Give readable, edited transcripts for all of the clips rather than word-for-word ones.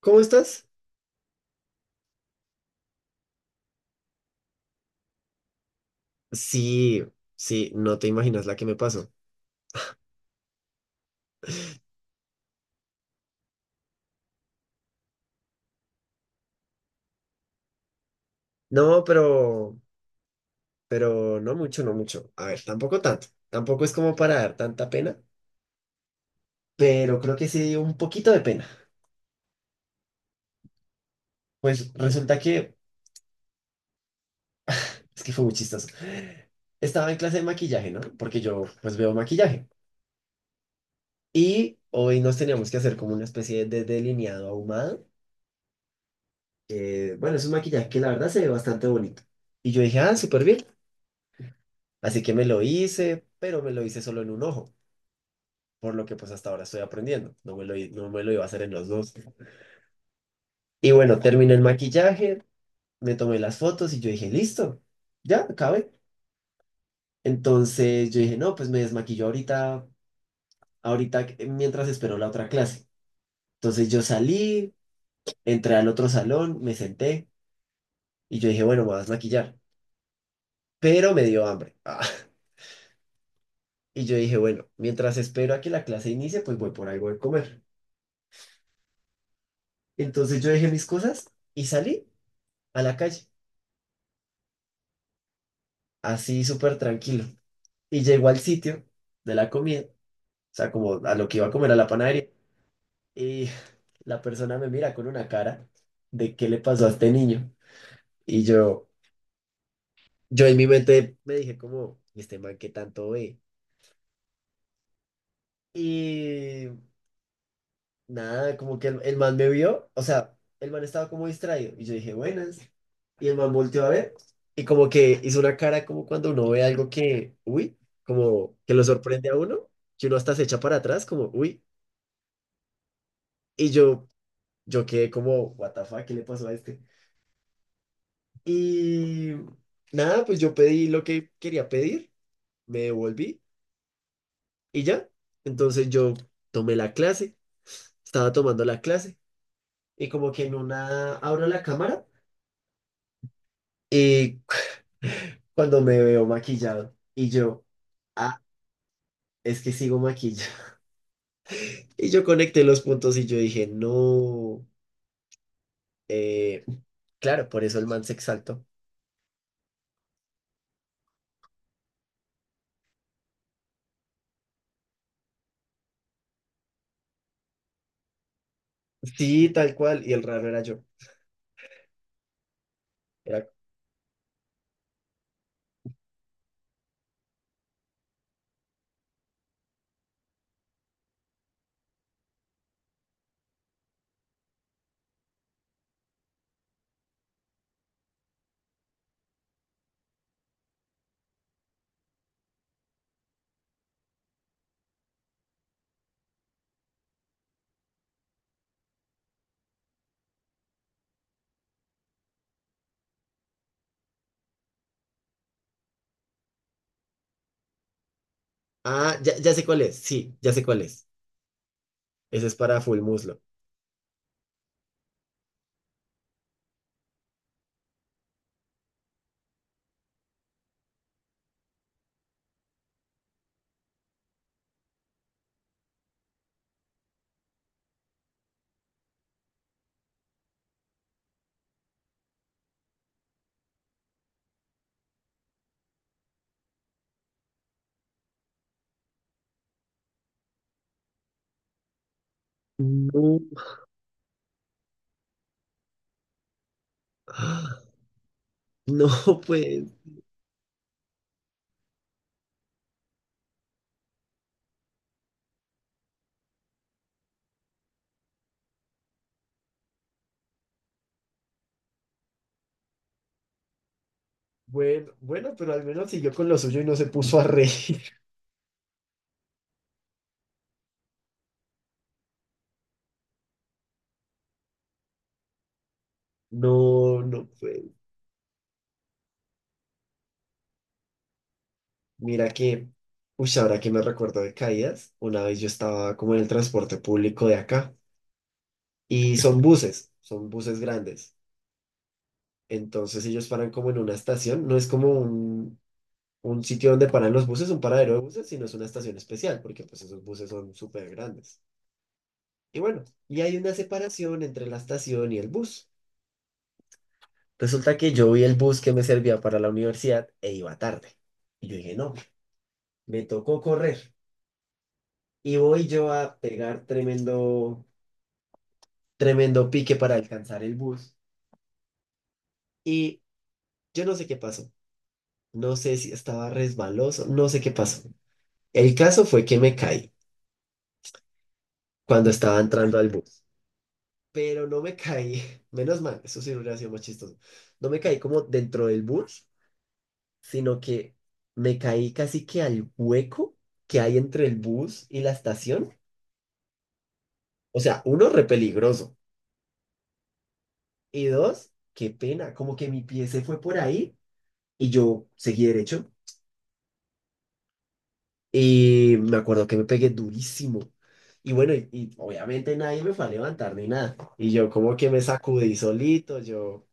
¿Cómo estás? Sí, sí, no te imaginas la que me pasó. No, pero no mucho, no mucho. A ver, tampoco tanto. Tampoco es como para dar tanta pena, pero creo que sí dio un poquito de pena. Pues resulta que, es que fue muy chistoso. Estaba en clase de maquillaje, ¿no? Porque yo, pues veo maquillaje. Y hoy nos teníamos que hacer como una especie de delineado ahumado. Bueno, es un maquillaje que la verdad se ve bastante bonito. Y yo dije, ah, súper bien. Así que me lo hice, pero me lo hice solo en un ojo, por lo que pues hasta ahora estoy aprendiendo. No me lo iba a hacer en los dos. Y bueno, terminé el maquillaje, me tomé las fotos y yo dije, listo, ya, acabé. Entonces yo dije, no, pues me desmaquillo ahorita, mientras espero la otra clase. Entonces yo salí, entré al otro salón, me senté y yo dije, bueno, me voy a desmaquillar. Pero me dio hambre. Ah. Y yo dije, bueno, mientras espero a que la clase inicie, pues voy por algo de comer. Entonces yo dejé mis cosas y salí a la calle, así súper tranquilo. Y llegó al sitio de la comida, o sea, como a lo que iba a comer a la panadería. Y la persona me mira con una cara de qué le pasó a este niño. Y yo en mi mente me dije como, "¿Y este man qué tanto ve?" Y nada, como que el man me vio, o sea, el man estaba como distraído. Y yo dije, buenas. Y el man volteó a ver. Y como que hizo una cara como cuando uno ve algo que, uy, como que lo sorprende a uno, que uno hasta se echa para atrás, como, uy. Y yo quedé como, what the fuck, ¿qué le pasó a este? Y nada, pues yo pedí lo que quería pedir, me devolví y ya. Entonces yo tomé la clase, estaba tomando la clase y como que en una abro la cámara y cuando me veo maquillado y yo, ah, es que sigo maquillado. Y yo conecté los puntos y yo dije, no, eh, claro, por eso el man se exaltó. Sí, tal cual. Y el raro era yo. Era. Ah, ya, ya sé cuál es. Sí, ya sé cuál es. Ese es para full muslo. No. Ah. No, pues. Bueno, bueno, pero al menos siguió con lo suyo y no se puso a reír. No, no, pues. Mira que. Uy, ahora que me recuerdo de caídas, una vez yo estaba como en el transporte público de acá. Y son buses grandes. Entonces ellos paran como en una estación. No es como un sitio donde paran los buses, un paradero de buses, sino es una estación especial, porque pues esos buses son súper grandes. Y bueno, y hay una separación entre la estación y el bus. Resulta que yo vi el bus que me servía para la universidad e iba tarde. Y yo dije, no, me tocó correr. Y voy yo a pegar tremendo, tremendo pique para alcanzar el bus. Y yo no sé qué pasó. No sé si estaba resbaloso, no sé qué pasó. El caso fue que me caí cuando estaba entrando al bus. Pero no me caí, menos mal, eso sí hubiera sido más chistoso. No me caí como dentro del bus, sino que me caí casi que al hueco que hay entre el bus y la estación. O sea, uno, re peligroso. Y dos, qué pena, como que mi pie se fue por ahí y yo seguí derecho. Y me acuerdo que me pegué durísimo. Y bueno, y obviamente nadie me fue a levantar ni nada. Y yo como que me sacudí solito, yo,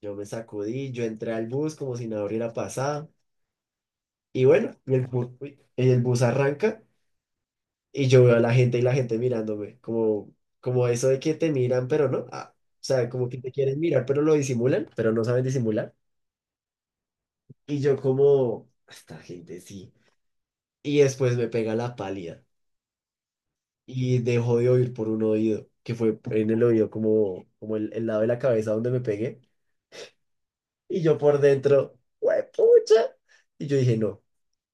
yo me sacudí, yo entré al bus como si nada hubiera pasado. Y bueno, y el bus, uy, el bus arranca. Y yo veo a la gente y la gente mirándome, como, como eso de que te miran, pero no. Ah, o sea, como que te quieren mirar, pero lo disimulan, pero no saben disimular. Y yo como, esta gente sí. Y después me pega la pálida y dejo de oír por un oído, que fue en el oído como, como el lado de la cabeza donde me pegué. Y yo por dentro, ¡pucha! Y yo dije, no,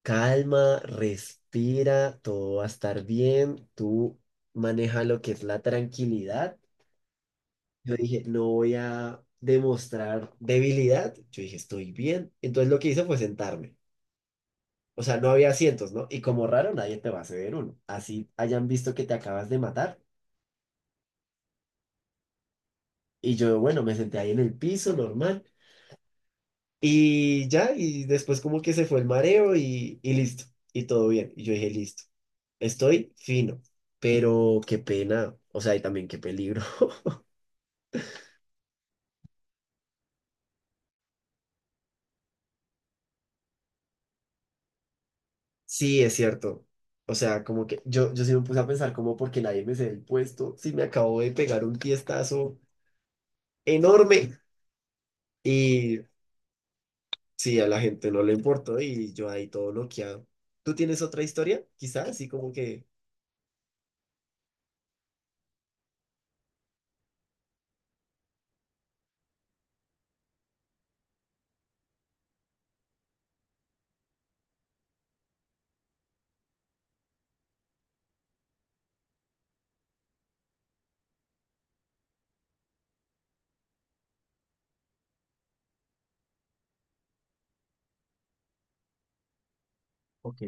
calma, respira, todo va a estar bien, tú maneja lo que es la tranquilidad. Yo dije, no voy a demostrar debilidad. Yo dije, estoy bien. Entonces lo que hice fue sentarme. O sea, no había asientos, ¿no? Y como raro, nadie te va a ceder uno. Así hayan visto que te acabas de matar. Y yo, bueno, me senté ahí en el piso, normal. Y después como que se fue el mareo y listo. Y todo bien. Y yo dije, listo. Estoy fino. Pero qué pena. O sea, y también qué peligro. Sí, es cierto. O sea, como que yo sí me puse a pensar como porque nadie me cede el puesto, sí me acabo de pegar un tiestazo enorme. Y sí, a la gente no le importó y yo ahí todo bloqueado. ¿Tú tienes otra historia? Quizás, así como que, ok,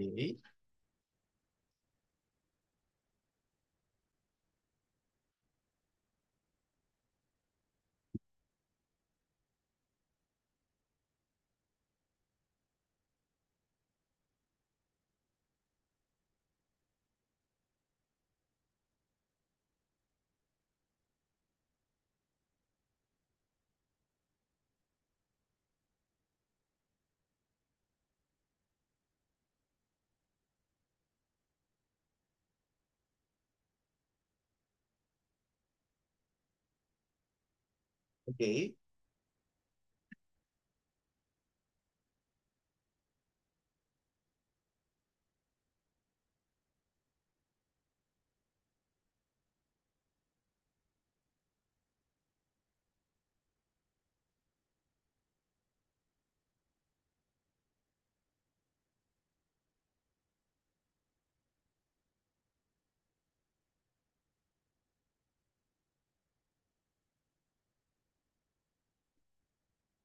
ok,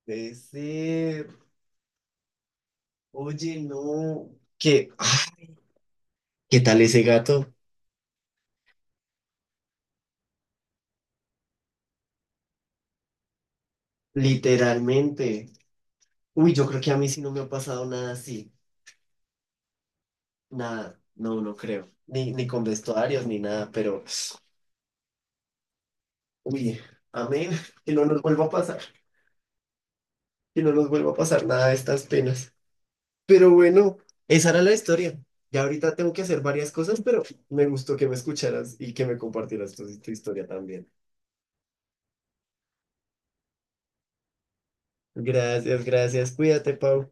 puede ser. Oye, no, ¿qué, ah, qué tal ese gato? Literalmente. Uy, yo creo que a mí sí no me ha pasado nada así, nada, no, no creo, ni, ni con vestuarios ni nada, pero... Uy, amén, que no nos vuelva a pasar, que no nos vuelva a pasar nada de estas penas. Pero bueno, esa era la historia. Ya ahorita tengo que hacer varias cosas, pero me gustó que me escucharas y que me compartieras tu historia también. Gracias, gracias. Cuídate, Pau.